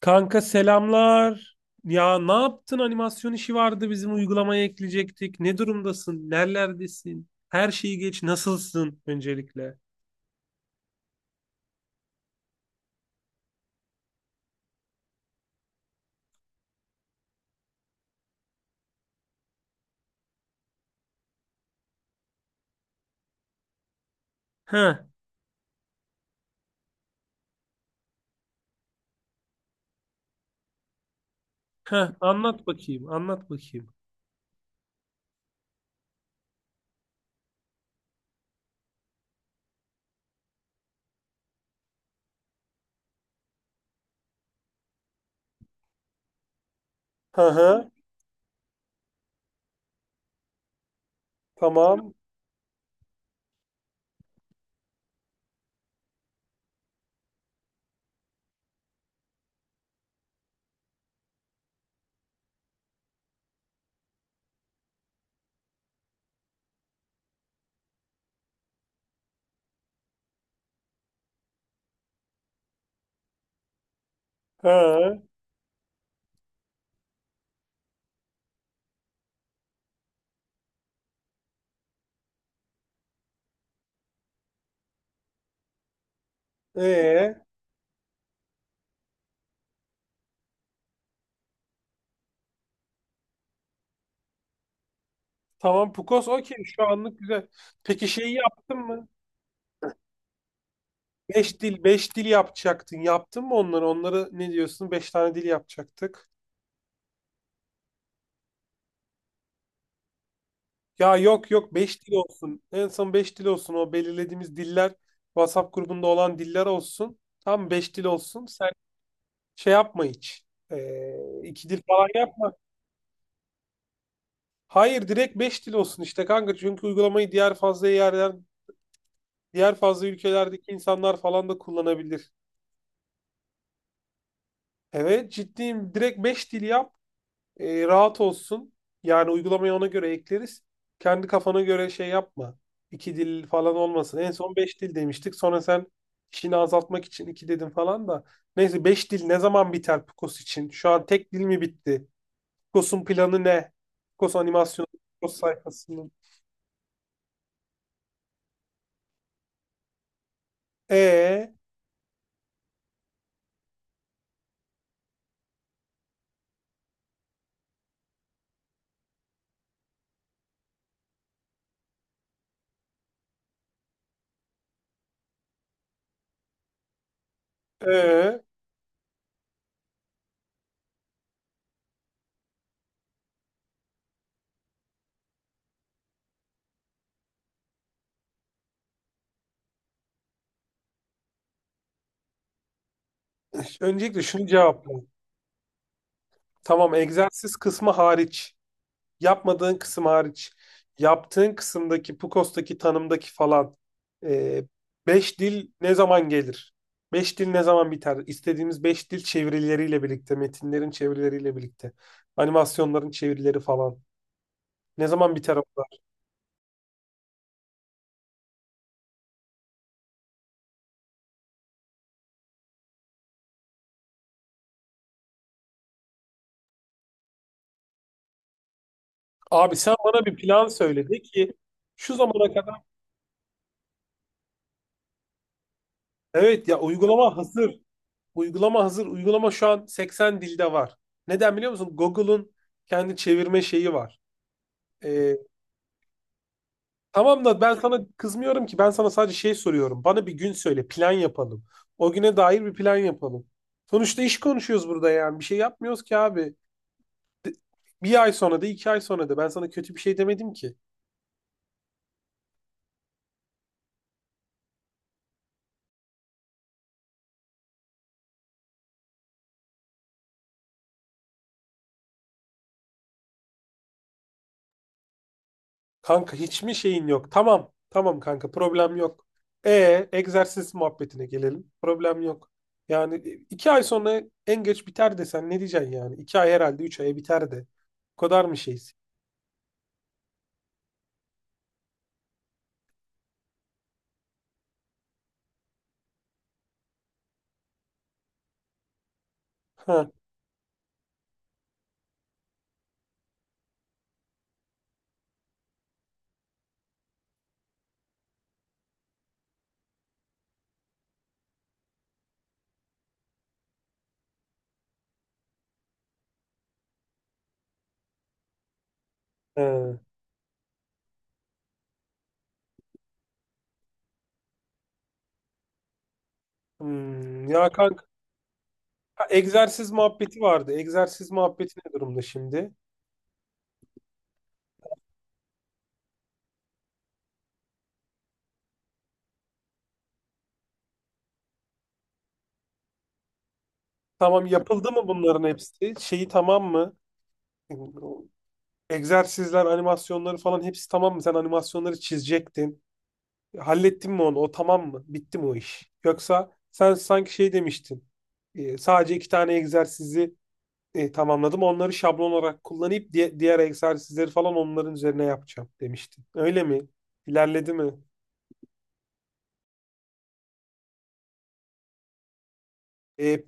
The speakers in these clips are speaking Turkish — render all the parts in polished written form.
Kanka selamlar. Ya ne yaptın? Animasyon işi vardı bizim uygulamaya ekleyecektik. Ne durumdasın? Nerelerdesin? Her şeyi geç. Nasılsın öncelikle? Heh, heh, anlat bakayım. Anlat bakayım. Hı hı. Tamam. Hı. Ee, tamam Pukos okey şu anlık güzel. Peki şeyi yaptın mı? Beş dil, beş dil yapacaktın. Yaptın mı onları? Onları ne diyorsun? Beş tane dil yapacaktık. Ya yok yok 5 dil olsun. En son 5 dil olsun. O belirlediğimiz diller WhatsApp grubunda olan diller olsun. Tam 5 dil olsun. Sen şey yapma hiç. Ee, iki dil falan yapma. Hayır direkt 5 dil olsun işte kanka. Çünkü uygulamayı diğer fazla yerden, diğer fazla ülkelerdeki insanlar falan da kullanabilir. Evet ciddiyim. Direkt 5 dil yap. Rahat olsun. Yani uygulamayı ona göre ekleriz. Kendi kafana göre şey yapma. İki dil falan olmasın. En son beş dil demiştik. Sonra sen işini azaltmak için iki dedin falan da. Neyse beş dil ne zaman biter Picos için? Şu an tek dil mi bitti? Picos'un planı ne? Picos animasyonu, Picos sayfasının. Ee, E, ö. Öncelikle şunu cevapla. Tamam egzersiz kısmı hariç. Yapmadığın kısım hariç yaptığın kısımdaki PUKOS'taki tanımdaki falan e, beş dil ne zaman gelir? Beş dil ne zaman biter? İstediğimiz beş dil çevirileriyle birlikte, metinlerin çevirileriyle birlikte, animasyonların çevirileri falan. Ne zaman biter onlar? Abi sen bana bir plan söyledi ki şu zamana kadar, evet ya, uygulama hazır. Uygulama hazır. Uygulama şu an 80 dilde var. Neden biliyor musun? Google'un kendi çevirme şeyi var. Ee, Tamam da ben sana kızmıyorum ki. Ben sana sadece şey soruyorum. Bana bir gün söyle, plan yapalım. O güne dair bir plan yapalım. Sonuçta iş konuşuyoruz burada yani. Bir şey yapmıyoruz ki abi. De- Bir ay sonra da iki ay sonra da ben sana kötü bir şey demedim ki. Kanka hiç mi şeyin yok? Tamam. Tamam kanka problem yok. E egzersiz muhabbetine gelelim. Problem yok. Yani iki ay sonra en geç biter desen ne diyeceksin yani? İki ay herhalde, üç aya biter de. O kadar mı şeyiz? Ha, he. Ya kanka, ha, egzersiz muhabbeti vardı. Egzersiz muhabbeti ne durumda şimdi? Tamam yapıldı mı bunların hepsi? Şeyi tamam mı? Egzersizler, animasyonları falan hepsi tamam mı? Sen animasyonları çizecektin. Hallettin mi onu? O tamam mı? Bitti mi o iş? Yoksa sen sanki şey demiştin. Sadece 2 tane egzersizi tamamladım. Onları şablon olarak kullanıp diğer egzersizleri falan onların üzerine yapacağım demiştin. Öyle mi? İlerledi mi? E,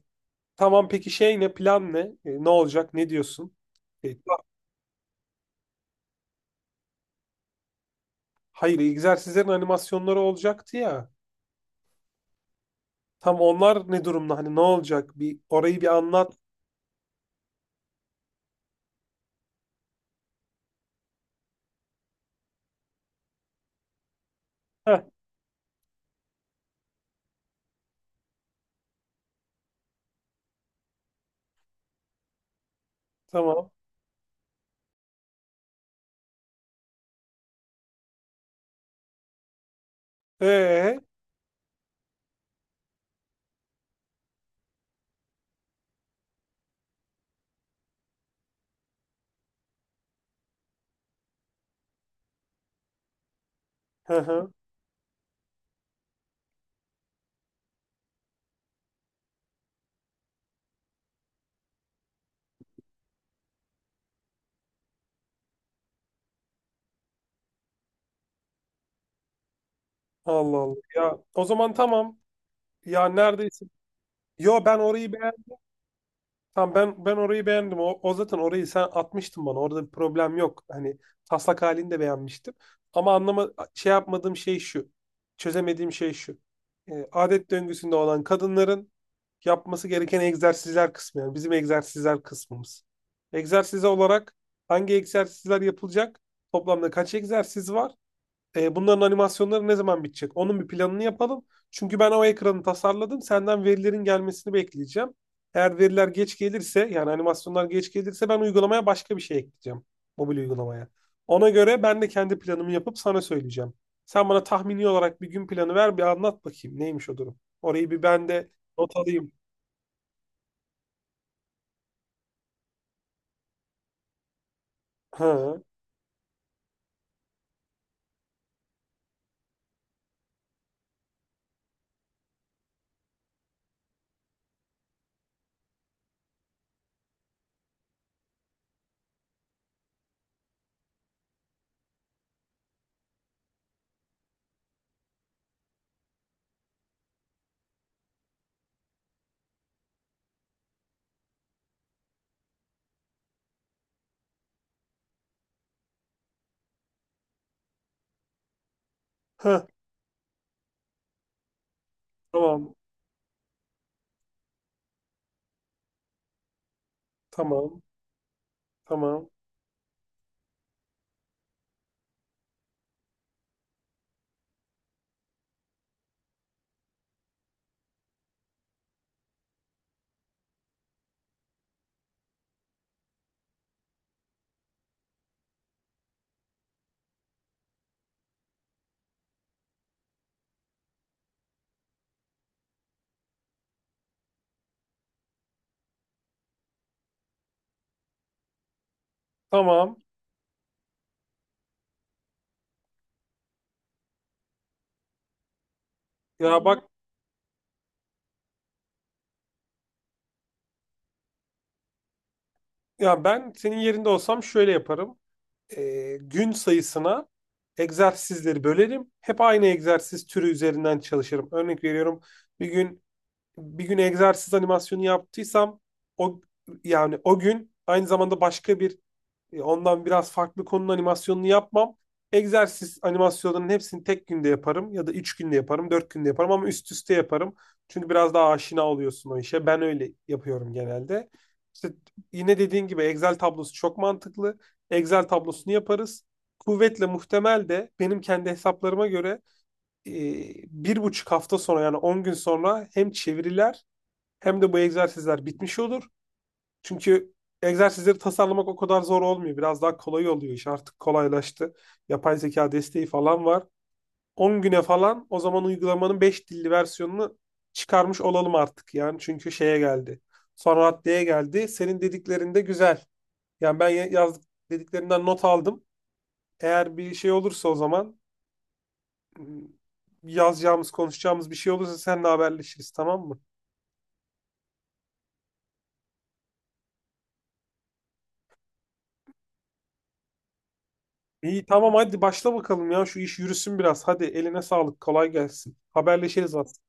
tamam peki şey ne? Plan ne? Ne olacak? Ne diyorsun? E, hayır, egzersizlerin animasyonları olacaktı ya. Tam onlar ne durumda? Hani ne olacak? Bir orayı bir anlat. Heh, tamam. Ee, hı hı. Allah Allah. Ya o zaman tamam. Ya neredeyse. Yo ben orayı beğendim. Tamam ben orayı beğendim. O zaten orayı sen atmıştın bana. Orada bir problem yok. Hani taslak halini de beğenmiştim. Ama anlama şey yapmadığım şey şu. Çözemediğim şey şu. Adet döngüsünde olan kadınların yapması gereken egzersizler kısmı. Yani bizim egzersizler kısmımız. Egzersiz olarak hangi egzersizler yapılacak? Toplamda kaç egzersiz var? Bunların animasyonları ne zaman bitecek? Onun bir planını yapalım. Çünkü ben o ekranı tasarladım. Senden verilerin gelmesini bekleyeceğim. Eğer veriler geç gelirse yani animasyonlar geç gelirse ben uygulamaya başka bir şey ekleyeceğim. Mobil uygulamaya. Ona göre ben de kendi planımı yapıp sana söyleyeceğim. Sen bana tahmini olarak bir gün planı ver, bir anlat bakayım neymiş o durum. Orayı bir ben de not alayım. Ha, ha, tamam, tamam, tamam, tamam. Ya bak, ya ben senin yerinde olsam şöyle yaparım. Gün sayısına egzersizleri bölerim. Hep aynı egzersiz türü üzerinden çalışırım. Örnek veriyorum, bir gün bir gün egzersiz animasyonu yaptıysam o, yani o gün aynı zamanda başka bir ondan biraz farklı konunun animasyonunu yapmam. Egzersiz animasyonlarının hepsini tek günde yaparım ya da 3 günde yaparım, 4 günde yaparım ama üst üste yaparım. Çünkü biraz daha aşina oluyorsun o işe. Ben öyle yapıyorum genelde. İşte yine dediğin gibi Excel tablosu çok mantıklı. Excel tablosunu yaparız. Kuvvetle muhtemel de benim kendi hesaplarıma göre e, 1,5 hafta sonra, yani 10 gün sonra, hem çeviriler hem de bu egzersizler bitmiş olur. Çünkü egzersizleri tasarlamak o kadar zor olmuyor. Biraz daha kolay oluyor, iş artık kolaylaştı. Yapay zeka desteği falan var. 10 güne falan o zaman uygulamanın 5 dilli versiyonunu çıkarmış olalım artık. Yani çünkü şeye geldi. Son raddeye geldi. Senin dediklerin de güzel. Yani ben yazdık, dediklerinden not aldım. Eğer bir şey olursa o zaman, ım, yazacağımız, konuşacağımız bir şey olursa seninle haberleşiriz, tamam mı? İyi tamam, hadi başla bakalım ya, şu iş yürüsün biraz. Hadi eline sağlık, kolay gelsin. Haberleşiriz aslında.